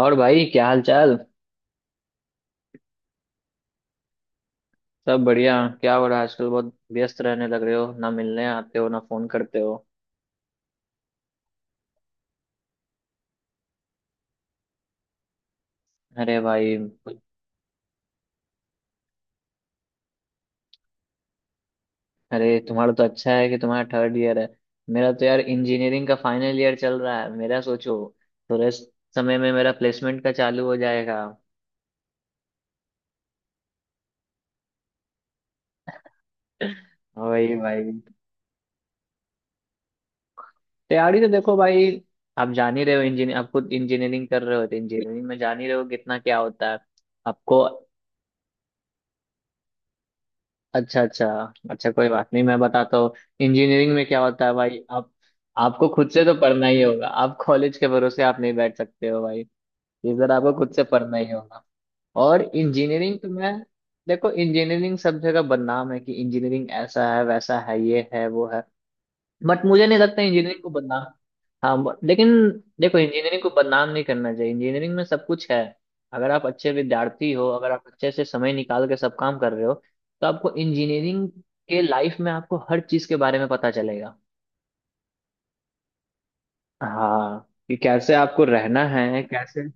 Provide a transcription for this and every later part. और भाई क्या हाल चाल। सब बढ़िया। क्या हो रहा है आजकल, बहुत व्यस्त रहने लग रहे हो, ना मिलने आते हो ना फोन करते हो। अरे भाई। अरे तुम्हारा तो अच्छा है कि तुम्हारा थर्ड ईयर है। मेरा तो यार इंजीनियरिंग का फाइनल ईयर चल रहा है मेरा, सोचो। थोड़े समय में मेरा प्लेसमेंट का चालू हो जाएगा। वही भाई। तैयारी तो देखो भाई, आप जान ही रहे हो, इंजीनियर, आप खुद इंजीनियरिंग कर रहे हो तो इंजीनियरिंग में जान ही रहे हो कितना क्या होता है आपको। अच्छा अच्छा। अच्छा कोई बात नहीं, मैं बताता हूँ। इंजीनियरिंग में क्या होता है भाई। आप, आपको खुद से तो पढ़ना ही होगा, आप कॉलेज के भरोसे आप नहीं बैठ सकते हो भाई। इधर आपको खुद से पढ़ना ही होगा। और इंजीनियरिंग तो मैं, देखो इंजीनियरिंग सब जगह बदनाम है कि इंजीनियरिंग ऐसा है वैसा है ये है वो है। बट मुझे नहीं लगता इंजीनियरिंग को बदनाम। हाँ लेकिन। देखो इंजीनियरिंग को बदनाम नहीं करना चाहिए, इंजीनियरिंग में सब कुछ है। अगर आप अच्छे विद्यार्थी हो, अगर आप अच्छे से समय निकाल के सब काम कर रहे हो तो आपको इंजीनियरिंग के लाइफ में आपको हर चीज के बारे में पता चलेगा। हाँ कि कैसे आपको रहना है, कैसे।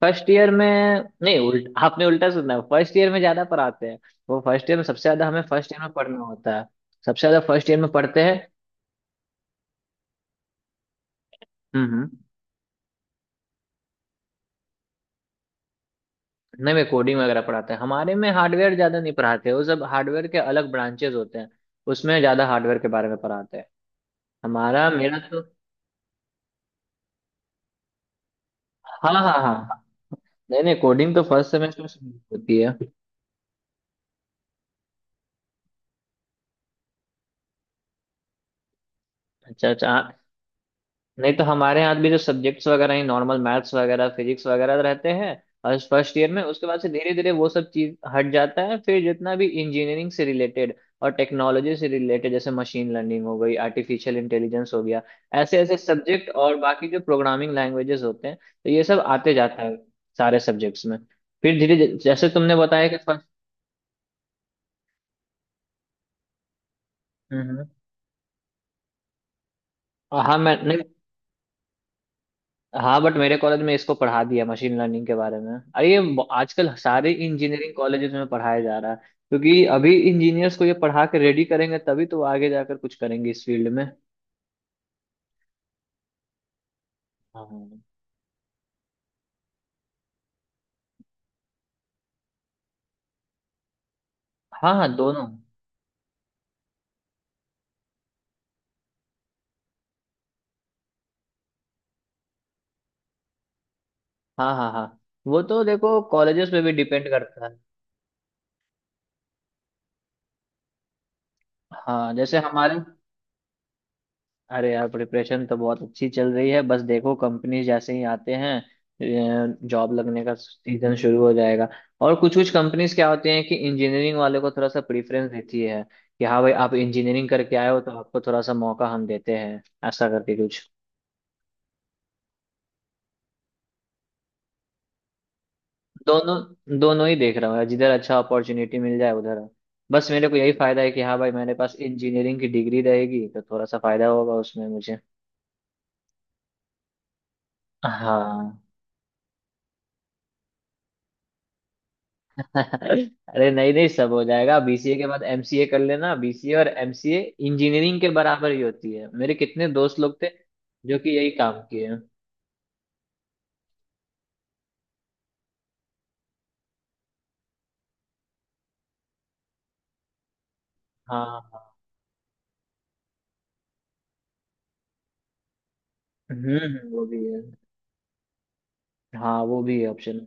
फर्स्ट ईयर में, नहीं उल्ट आपने उल्टा सुना है, फर्स्ट ईयर में ज्यादा पढ़ाते हैं। वो फर्स्ट ईयर में सबसे ज्यादा, हमें फर्स्ट ईयर में पढ़ना होता है। सबसे ज्यादा फर्स्ट ईयर में पढ़ते हैं। हम्म हम्म। नहीं मैं, कोडिंग वगैरह पढ़ाते हैं हमारे में, हार्डवेयर ज्यादा नहीं पढ़ाते, वो सब हार्डवेयर के अलग ब्रांचेस होते हैं। उसमें ज्यादा हार्डवेयर के बारे में पढ़ाते हैं। हमारा मेरा तो, हाँ हाँ हाँ। नहीं नहीं, कोडिंग तो फर्स्ट सेमेस्टर से होती है। अच्छा अच्छा। नहीं तो हमारे यहाँ भी जो सब्जेक्ट्स वगैरह हैं, नॉर्मल मैथ्स वगैरह फिजिक्स वगैरह रहते हैं। और फर्स्ट ईयर में, उसके बाद से धीरे धीरे वो सब चीज हट जाता है, फिर जितना भी इंजीनियरिंग से रिलेटेड और टेक्नोलॉजी से रिलेटेड, जैसे मशीन लर्निंग हो गई, आर्टिफिशियल इंटेलिजेंस हो गया, ऐसे ऐसे सब्जेक्ट और बाकी जो प्रोग्रामिंग लैंग्वेजेस होते हैं, तो ये सब आते जाता है सारे सब्जेक्ट्स में। फिर धीरे जैसे तुमने बताया कि फर्स्ट, हाँ मैं नहीं। हाँ बट मेरे कॉलेज में इसको पढ़ा दिया मशीन लर्निंग के बारे में, अरे ये आजकल सारे इंजीनियरिंग कॉलेजेस में पढ़ाया जा रहा है। क्योंकि अभी इंजीनियर्स को ये पढ़ा के रेडी करेंगे तभी तो वो आगे जाकर कुछ करेंगे इस फील्ड में। हाँ हाँ हाँ दोनों। हाँ हाँ हाँ, वो तो देखो कॉलेजेस पे भी डिपेंड करता है। हाँ जैसे हमारे, अरे यार प्रिपरेशन तो बहुत अच्छी चल रही है, बस देखो कंपनी जैसे ही आते हैं जॉब लगने का सीजन शुरू हो जाएगा। और कुछ कुछ कंपनीज क्या होती हैं कि इंजीनियरिंग वाले को थोड़ा सा प्रेफरेंस देती है कि हाँ भाई आप इंजीनियरिंग करके आए हो तो आपको थोड़ा सा मौका हम देते हैं, ऐसा करके कुछ। दोनों दोनों ही देख रहा हूँ यार, जिधर अच्छा अपॉर्चुनिटी मिल जाए उधर। बस मेरे को यही फायदा है कि हाँ भाई, मेरे पास इंजीनियरिंग की डिग्री रहेगी तो थोड़ा सा फायदा होगा उसमें मुझे। हाँ। अरे नहीं नहीं, सब हो जाएगा। बीसीए के बाद एमसीए कर लेना, बीसीए और एमसीए इंजीनियरिंग के बराबर ही होती है, मेरे कितने दोस्त लोग थे जो कि यही काम किए हैं। हाँ हाँ। वो भी है। हाँ वो भी है ऑप्शन।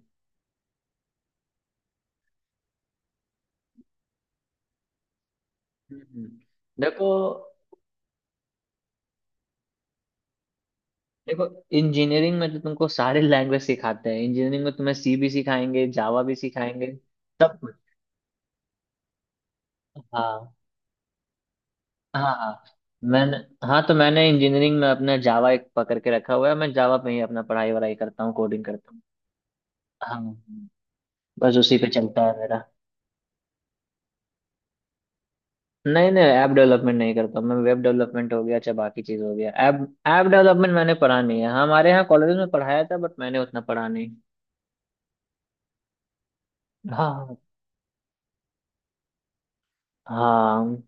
हम्म हम्म। देखो, देखो इंजीनियरिंग में तो तुमको सारे लैंग्वेज सिखाते हैं, इंजीनियरिंग में तुम्हें सी भी सिखाएंगे जावा भी सिखाएंगे सब कुछ। हाँ हाँ हाँ मैंने, हाँ तो मैंने इंजीनियरिंग में अपना जावा एक पकड़ के रखा हुआ है, मैं जावा पे ही अपना पढ़ाई वढ़ाई करता हूँ कोडिंग करता हूँ। हाँ बस उसी पे चलता है मेरा। नहीं नहीं ऐप डेवलपमेंट नहीं करता मैं, वेब डेवलपमेंट हो गया चाहे बाकी चीज हो गया, ऐप, ऐप डेवलपमेंट मैंने पढ़ा नहीं है। हाँ, हमारे यहाँ कॉलेज में पढ़ाया था बट मैंने उतना पढ़ा नहीं। हाँ हाँ।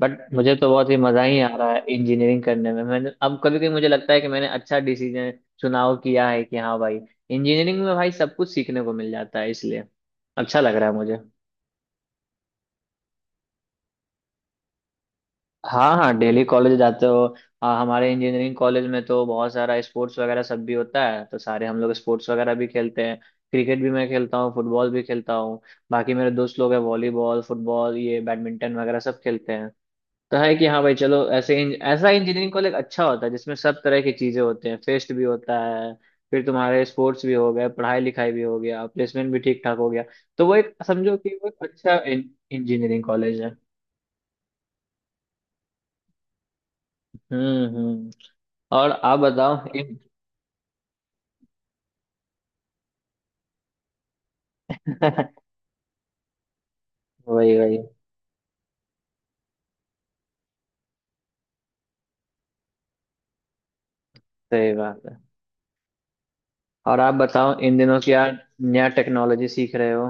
बट मुझे तो बहुत ही मजा ही आ रहा है इंजीनियरिंग करने में। मैंने, अब कभी कभी मुझे लगता है कि मैंने अच्छा डिसीजन चुनाव किया है कि हाँ भाई इंजीनियरिंग में भाई सब कुछ सीखने को मिल जाता है, इसलिए अच्छा लग रहा है मुझे। हाँ हाँ डेली कॉलेज जाते हो। हाँ हमारे इंजीनियरिंग कॉलेज में तो बहुत सारा स्पोर्ट्स वगैरह सब भी होता है, तो सारे हम लोग स्पोर्ट्स वगैरह भी खेलते हैं। क्रिकेट भी मैं खेलता हूँ, फुटबॉल भी खेलता हूँ। बाकी मेरे दोस्त लोग हैं, वॉलीबॉल फुटबॉल ये बैडमिंटन वगैरह सब खेलते हैं। तो है कि हाँ भाई चलो, ऐसे ऐसा इंजीनियरिंग कॉलेज अच्छा होता है जिसमें सब तरह की चीज़ें होते हैं, फेस्ट भी होता है। फिर तुम्हारे स्पोर्ट्स भी हो गए, पढ़ाई लिखाई भी हो गया, प्लेसमेंट भी ठीक ठाक हो गया, तो वो एक समझो कि वो एक अच्छा इंजीनियरिंग कॉलेज है। हम्म। और आप बताओ इन, वही वही। सही बात है। और आप बताओ इन दिनों क्या नया टेक्नोलॉजी सीख रहे हो।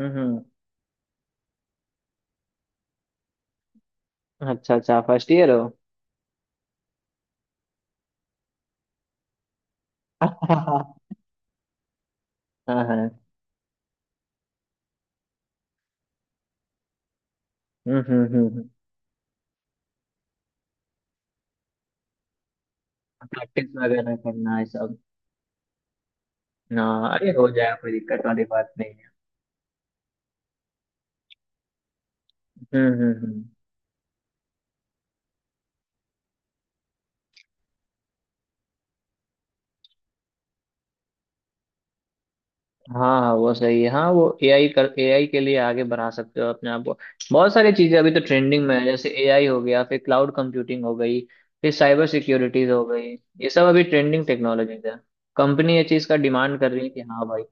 हम्म हम्म। अच्छा अच्छा, फर्स्ट ईयर हो। हाँ हाँ। हम्म। प्रैक्टिस वगैरह करना है सब। हाँ अरे हो जाएगा, कोई दिक्कत वाली बात नहीं है। हम्म। हाँ हाँ वो सही है, हाँ वो एआई कर, एआई के लिए आगे बढ़ा सकते हो अपने आप को। बहुत सारी चीजें अभी तो ट्रेंडिंग में है, जैसे एआई हो गया, फिर क्लाउड कंप्यूटिंग हो गई, फिर साइबर सिक्योरिटीज हो गई। ये सब अभी ट्रेंडिंग टेक्नोलॉजीज है। कंपनी ये चीज का डिमांड कर रही है कि हाँ भाई।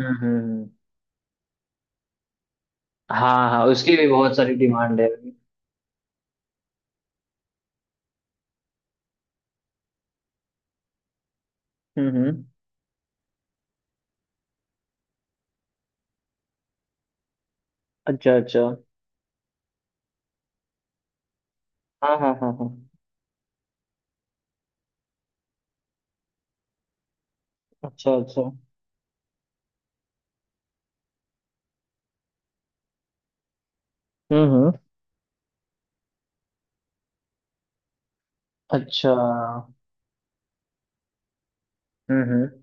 हम्म हम्म हम्म। हाँ हाँ उसकी भी बहुत सारी डिमांड है अभी। हम्म। अच्छा अच्छा। हाँ हाँ हाँ हाँ। अच्छा अच्छा। हम्म। अच्छा। हम्म हम्म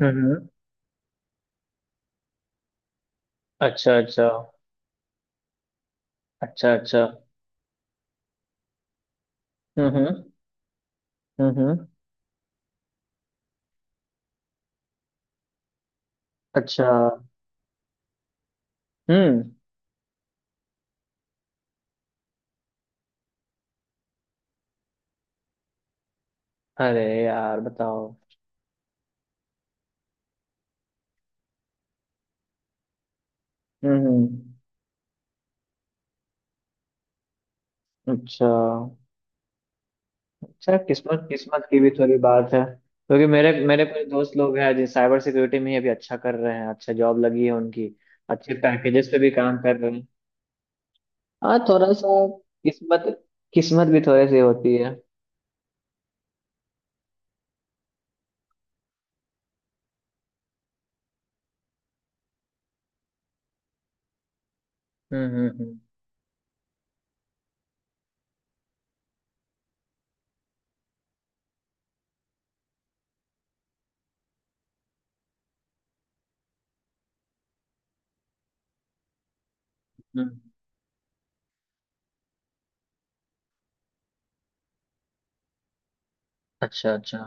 हम्म हम्म। अच्छा अच्छा अच्छा अच्छा। हम्म हम्म हम्म हम्म। अच्छा। हम्म। अरे यार बताओ। हम्म। अच्छा अच्छा। किस्मत किस्मत की भी थोड़ी बात है, क्योंकि मेरे मेरे कुछ दोस्त लोग हैं जो साइबर सिक्योरिटी में ही अभी अच्छा कर रहे हैं, अच्छा जॉब लगी है उनकी। अच्छे पैकेजेस पे भी काम कर रहे हैं। हाँ थोड़ा सा किस्मत, किस्मत भी थोड़ी सी होती है। हम्म हम्म हम्म हम्म। अच्छा अच्छा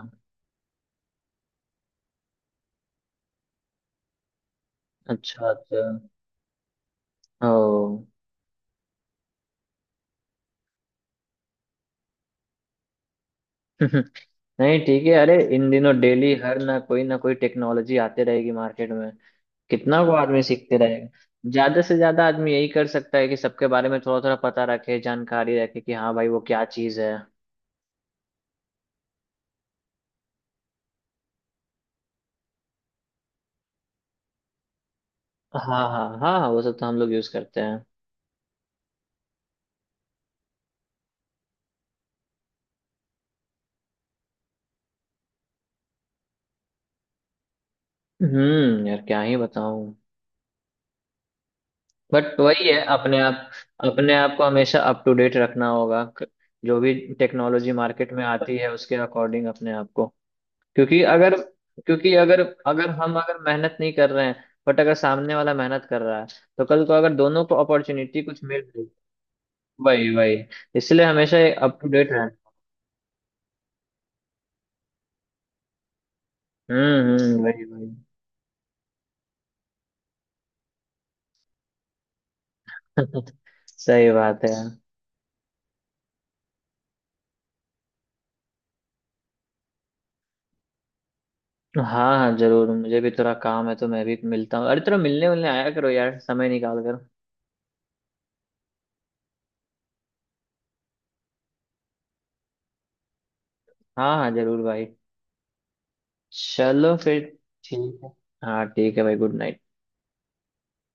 अच्छा अच्छा। ओ। नहीं ठीक है, अरे इन दिनों डेली हर ना कोई टेक्नोलॉजी आते रहेगी मार्केट में। कितना वो आदमी सीखते रहेगा। ज्यादा से ज्यादा आदमी यही कर सकता है कि सबके बारे में थोड़ा थोड़ा पता रखे, जानकारी रखे कि हाँ भाई वो क्या चीज है। हाँ हाँ हाँ हाँ, वो सब तो हम लोग यूज करते हैं। यार क्या ही बताऊं। बट वही है अपने आप, अपने आप को हमेशा अप टू डेट रखना होगा, जो भी टेक्नोलॉजी मार्केट में आती है उसके अकॉर्डिंग अपने आप को। क्योंकि अगर क्योंकि अगर, अगर हम अगर मेहनत नहीं कर रहे हैं, बट अगर सामने वाला मेहनत कर रहा है, तो कल को अगर दोनों को अपॉर्चुनिटी कुछ मिल। वही वही। इसलिए हमेशा अप टू डेट रहना। वही वही। सही बात है यार। हाँ हाँ जरूर, मुझे भी थोड़ा काम है तो मैं भी मिलता हूँ, अरे थोड़ा मिलने मिलने आया करो यार समय निकाल कर। हाँ हाँ जरूर भाई। चलो फिर। ठीक है। हाँ ठीक है भाई, गुड नाइट।